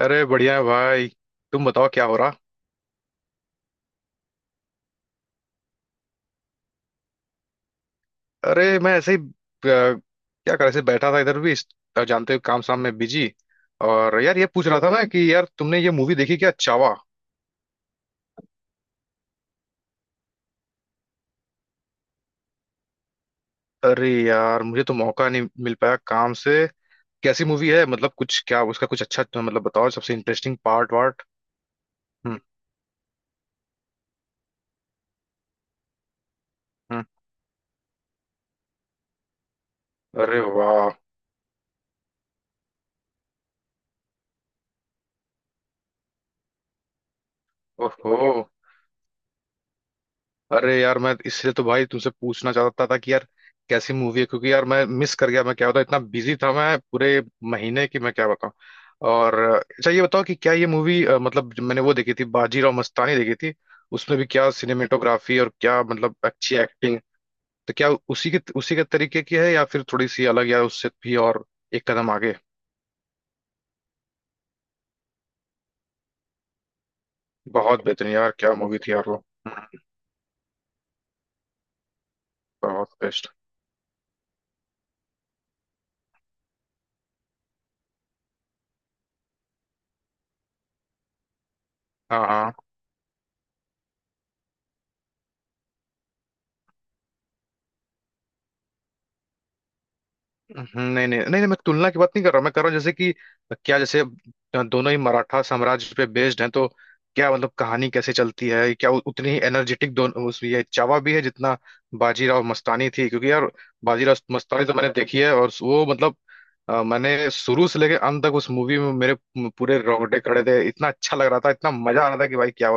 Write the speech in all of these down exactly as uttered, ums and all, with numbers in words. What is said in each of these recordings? अरे बढ़िया है भाई। तुम बताओ क्या हो रहा। अरे मैं ऐसे ही अ, क्या कर ऐसे बैठा था इधर भी इस- अ, जानते हो काम शाम में बिजी। और यार ये पूछ रहा था ना कि यार तुमने ये मूवी देखी क्या, चावा। अरे यार मुझे तो मौका नहीं मिल पाया काम से। कैसी मूवी है, मतलब कुछ, क्या उसका कुछ अच्छा तो, मतलब बताओ सबसे इंटरेस्टिंग पार्ट वार्ट। हम्म हम्म। अरे वाह। ओहो। अरे यार मैं इसलिए तो भाई तुमसे पूछना चाहता था कि यार कैसी मूवी है, क्योंकि यार मैं मिस कर गया। मैं क्या बताऊं, इतना बिजी था मैं पूरे महीने की, मैं क्या बताऊं। और अच्छा ये बताओ कि क्या ये मूवी, मतलब जो मैंने वो देखी थी बाजीराव मस्तानी देखी थी, उसमें भी क्या सिनेमेटोग्राफी और क्या मतलब अच्छी एक्टिंग। तो क्या उसी के उसी के तरीके की है, या फिर थोड़ी सी अलग, या उससे भी और एक कदम आगे। बहुत बेहतरीन यार, क्या मूवी थी यार वो। हम्म। बहुत बेस्ट। हाँ हाँ। हम्म, नहीं नहीं नहीं नहीं, मैं तुलना की बात नहीं कर रहा। मैं कर रहा हूँ जैसे कि क्या, जैसे अ, दोनों ही मराठा साम्राज्य पे बेस्ड हैं, तो क्या मतलब कहानी कैसे चलती है, क्या उ- उतनी ही एनर्जेटिक दोनों उस, ये चावा भी है जितना बाजीराव मस्तानी थी, क्योंकि यार बाजीराव मस्तानी तो मैंने देखी है और वो मतलब अ, मैंने शुरू से लेकर अंत तक उस मूवी में मेरे पूरे रोंगटे खड़े थे, इतना अच्छा लग रहा था, इतना मजा आ रहा था कि भाई क्या!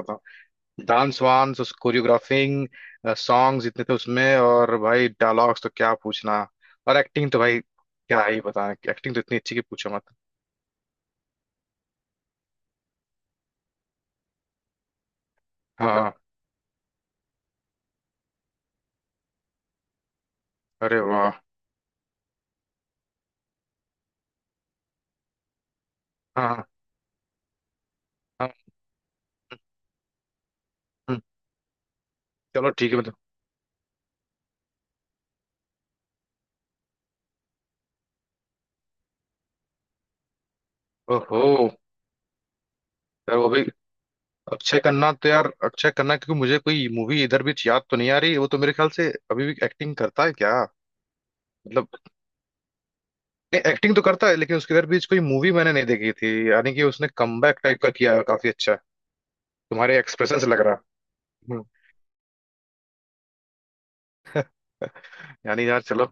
डांस वांस, उस कोरियोग्राफिंग, सॉन्ग्स इतने थे उसमें, और भाई डायलॉग्स तो क्या पूछना। और एक्टिंग तो भाई क्या ही बताना, एक्टिंग तो इतनी अच्छी कि पूछो मत। हाँ। अरे वाह। हाँ हाँ। हम्म, चलो ठीक है मतलब। ओहो। यार वो भी। अक्षय खन्ना तो यार, अक्षय खन्ना क्योंकि मुझे कोई मूवी इधर भी याद तो नहीं आ रही। वो तो मेरे ख्याल से अभी भी एक्टिंग करता है क्या? मतलब एक्टिंग तो करता है, लेकिन उसके इधर भी कोई मूवी मैंने नहीं देखी थी, यानी कि उसने कमबैक टाइप का किया है, काफी अच्छा। तुम्हारे एक्सप्रेशन से लग रहा है। यानी यार चलो।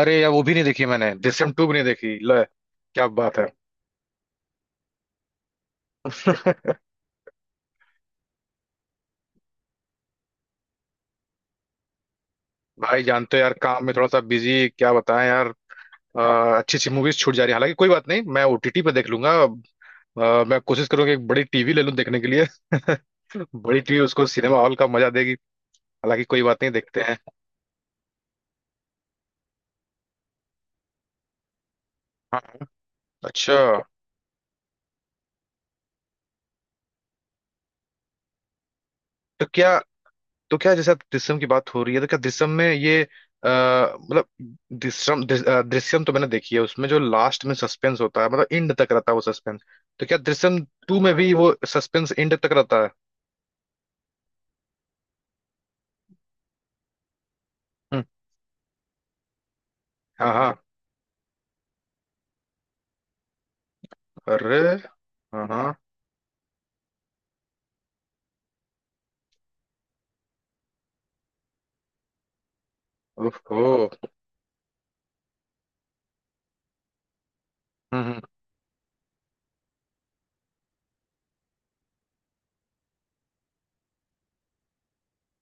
अरे यार वो भी नहीं देखी, मैंने दृश्यम टू भी नहीं देखी, लो क्या बात है। भाई जानते हो यार, काम में थोड़ा सा बिजी, क्या बताएं यार। अ, अच्छी अच्छी मूवीज छूट जा रही है, हालांकि कोई बात नहीं, मैं ओटीटी पे देख लूंगा। अ, मैं कोशिश करूंगा एक बड़ी टीवी ले लूं देखने के लिए। बड़ी टीवी उसको सिनेमा हॉल का मजा देगी। हालांकि कोई बात नहीं, देखते हैं। अच्छा। तो क्या, तो क्या जैसे आप दृश्यम की बात हो रही है, तो क्या दृश्यम में ये अ, मतलब दृश्यम दृ- अ, दृश्यम तो मैंने देखी है, उसमें जो लास्ट में सस्पेंस होता है, मतलब एंड तक रहता है वो सस्पेंस, तो क्या दृश्यम टू में भी वो सस्पेंस एंड तक रहता है? हम्म, हाँ हाँ। अरे हाँ हाँ। ओहो। हम्म हम्म।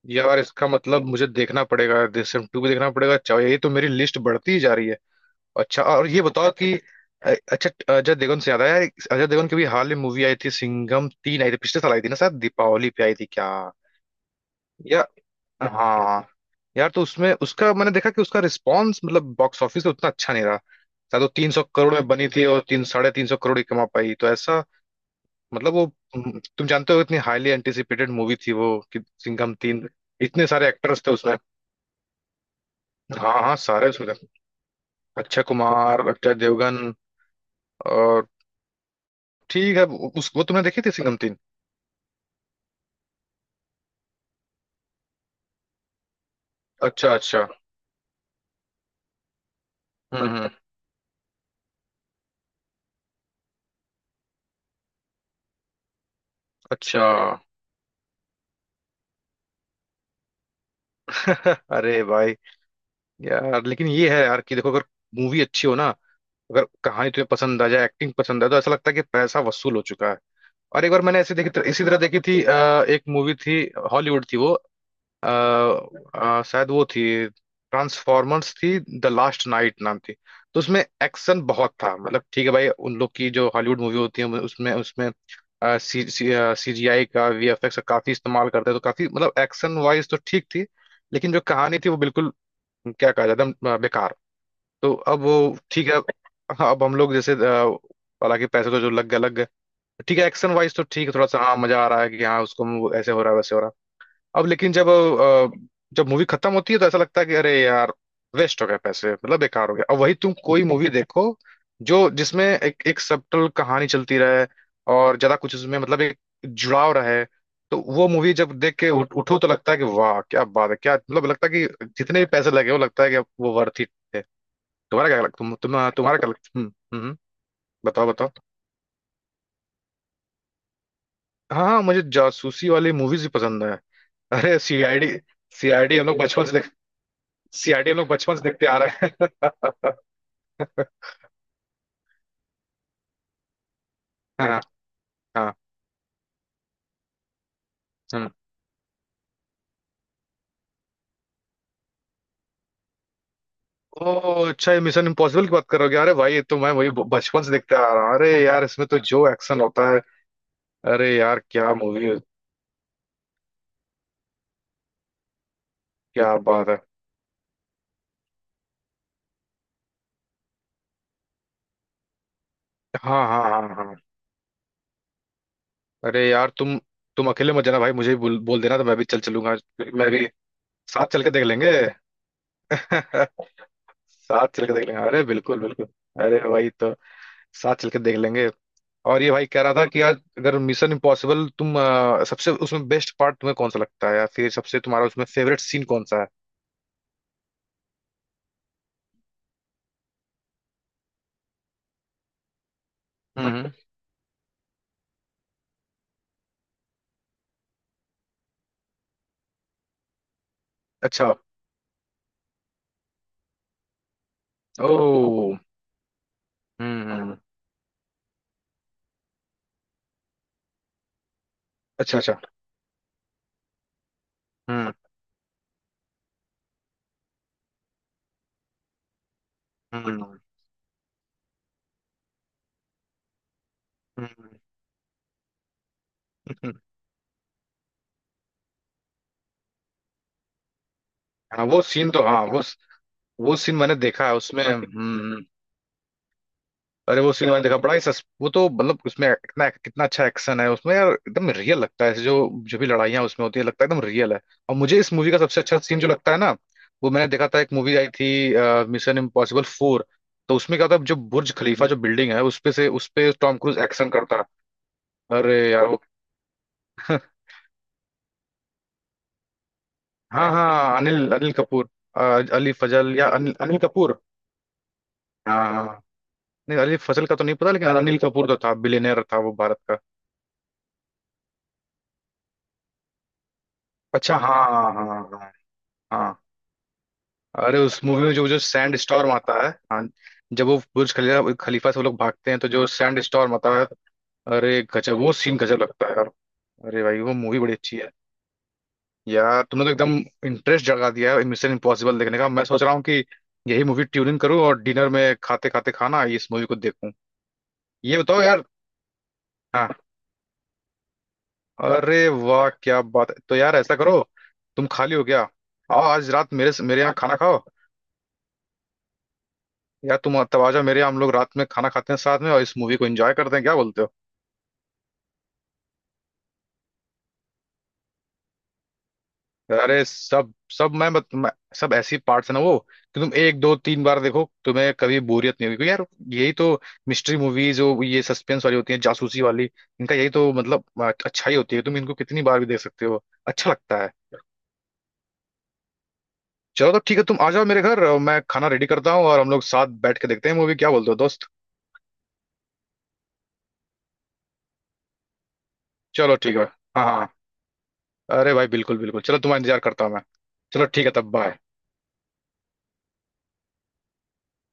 यार इसका मतलब मुझे देखना पड़ेगा, दृश्यम टू भी देखना पड़ेगा चाहे। ये तो मेरी लिस्ट बढ़ती ही जा रही है। अच्छा और ये बताओ कि अ- अच्छा, अजय देवगन से याद आया। अजय देवगन की भी हाल में मूवी आई थी, सिंघम तीन आई थी पिछले साल, आई थी ना शायद दीपावली पे आई थी क्या, या? हाँ। यार तो उसमें उसका मैंने देखा कि उसका रिस्पॉन्स मतलब बॉक्स ऑफिस पे उतना अच्छा नहीं रहा। शायद वो तीन सौ करोड़ में बनी थी और तीन, साढ़े तीन सौ करोड़ ही कमा पाई, तो ऐसा मतलब वो। हम्म, तुम जानते हो इतनी हाईली एंटिसिपेटेड मूवी थी वो कि, सिंघम तीन, इतने सारे एक्टर्स थे उसमें। हाँ हाँ सारे उसमें थे। अक्षय कुमार, अक्षय देवगन और, ठीक है। उस, वो तुमने देखी थी सिंघम तीन? अच्छा अच्छा। हम्म हम्म। अच्छा। अरे भाई। यार लेकिन ये है यार कि देखो, अगर मूवी अच्छी हो ना, अगर कहानी तुम्हें पसंद आ जाए, एक्टिंग पसंद आए, तो ऐसा लगता है कि पैसा वसूल हो चुका है। और एक बार मैंने ऐसे देखी, इसी तरह देखी थी अ, एक मूवी थी, हॉलीवुड थी वो। अ, अ, शायद वो थी ट्रांसफॉर्मर्स, थी द लास्ट नाइट नाम थी। तो उसमें एक्शन बहुत था, मतलब ठीक है भाई उन लोग की जो हॉलीवुड मूवी होती है, उसमें, उसमें सी सीजीआई का, वीएफएक्स का काफी इस्तेमाल करते हैं, तो काफी मतलब एक्शन वाइज तो ठीक थी। लेकिन जो कहानी थी वो बिल्कुल, क्या कहा जाए, एकदम अ, बेकार। तो अब वो ठीक है। अब हम लोग जैसे अ, हालांकि पैसे तो जो लग गए लग गए। ठीक है एक्शन वाइज तो ठीक है, थोड़ा सा हाँ मजा आ रहा है कि हाँ उसको ऐसे हो रहा है वैसे हो रहा है। अब लेकिन जब अ, जब मूवी खत्म होती है तो ऐसा लगता है कि अरे यार, वेस्ट हो गया पैसे, मतलब बेकार हो गया। अब वही तुम कोई मूवी देखो जो, जिसमें एक एक सबटल कहानी चलती रहे, और ज्यादा कुछ उसमें मतलब एक जुड़ाव रहे, तो वो मूवी जब देख के उठ, उठो तो लगता है कि वाह क्या बात है, क्या मतलब लगता है कि जितने भी पैसे लगे, वो लगता है कि वो वर्थ इट है। तुम्हारा क्या लग- तुम, तुम तुम्हारा क्या लग- हम्म हम्म। बताओ बताओ। हाँ हाँ मुझे जासूसी वाली मूवीज भी पसंद है। अरे सीआईडी, सीआईडी हम लोग बचपन से, सीआईडी लोग बचपन से देखते आ रहे हैं। हाँ हाँ। हम्म। ओ अच्छा, ये मिशन इम्पॉसिबल की बात करोगे? अरे भाई ये तो मैं वही ब- बचपन से देखते आ रहा हूँ। अरे यार इसमें तो जो एक्शन होता है, अरे यार क्या मूवी है! क्या बात है। हाँ हाँ हाँ हाँ। अरे यार तुम, तुम अकेले मत जाना भाई, मुझे भी बोल, बोल देना, तो मैं भी चल चलूंगा। मैं भी, साथ चल के देख लेंगे। साथ चल के देख लेंगे, अरे बिल्कुल बिल्कुल। अरे वही तो, साथ चल के देख लेंगे। और ये भाई कह रहा था कि आज, अगर मिशन इम्पॉसिबल, तुम अ, सबसे उसमें बेस्ट पार्ट तुम्हें कौन सा लगता है, या फिर सबसे तुम्हारा उसमें फेवरेट सीन कौन सा है? हम्म। अच्छा। ओ। हम्म हम्म। अच्छा अच्छा। हम्म हम्म। हम्म। हम्म। हाँ वो सीन तो, हाँ वो वो सीन मैंने देखा है उसमें, हम्म। अरे वो सीन मैंने देखा बड़ा ही सस वो तो मतलब उसमें इतना कितना अच्छा एक्शन है उसमें यार, एकदम रियल लगता है ऐसे, जो जो भी लड़ाइयाँ उसमें होती है लगता है एकदम रियल है। और मुझे इस मूवी का सबसे अच्छा सीन जो लगता है ना, वो मैंने देखा था, एक मूवी आई थी मिशन इम्पॉसिबल फोर, तो उसमें क्या था, जो बुर्ज खलीफा जो बिल्डिंग है उसपे से, उसपे टॉम क्रूज एक्शन करता है। अरे यार वो। हाँ हाँ, अनिल अनिल कपूर। अ, अली फजल, या अनिल अनिल कपूर। हाँ हाँ। नहीं अली फजल का तो नहीं पता, लेकिन अनिल कपूर तो था, बिलियनर था वो भारत का। अच्छा हाँ हाँ हाँ हाँ। अरे उस मूवी में जो जो सैंड स्टॉर्म आता है, हाँ। जब वो बुर्ज खलीफा खलीफा से वो लोग भागते हैं तो जो सैंड स्टॉर्म आता है। अरे गजब, वो सीन गजब लगता है यार। अरे भाई वो मूवी बड़ी अच्छी है। यार तुमने तो एकदम इंटरेस्ट जगा दिया है मिशन इम्पॉसिबल देखने का, मैं सोच रहा हूँ कि यही मूवी ट्यूनिंग करूँ और डिनर में खाते खाते खाना इस मूवी को देखूं। ये बताओ यार। हाँ। अरे वाह क्या बात है, तो यार ऐसा करो, तुम खाली हो, गया आओ आज रात मेरे मेरे यहाँ खाना खाओ। यार तुम तब आ जाओ मेरे यहाँ, हम लोग रात में खाना खाते हैं साथ में, और इस मूवी को एंजॉय करते हैं, क्या बोलते हो? अरे सब सब मैं, मत, मैं सब ऐसी पार्ट्स है ना वो, कि तुम एक दो तीन बार देखो तुम्हें कभी बोरियत नहीं होगी, क्योंकि यार यही तो, मिस्ट्री मूवीज जो ये सस्पेंस वाली होती है जासूसी वाली, इनका यही तो मतलब अ- अच्छा ही होती है, तुम इनको कितनी बार भी देख सकते हो, अच्छा लगता है। चलो तो ठीक है, तुम आ जाओ मेरे घर, अ, मैं खाना रेडी करता हूँ और हम लोग साथ बैठ के देखते हैं मूवी, क्या बोलते हो दोस्त? चलो ठीक है, हाँ हाँ हाँ। अरे भाई बिल्कुल बिल्कुल, चलो तुम्हारा इंतजार करता हूँ मैं। चलो ठीक है, तब बाय।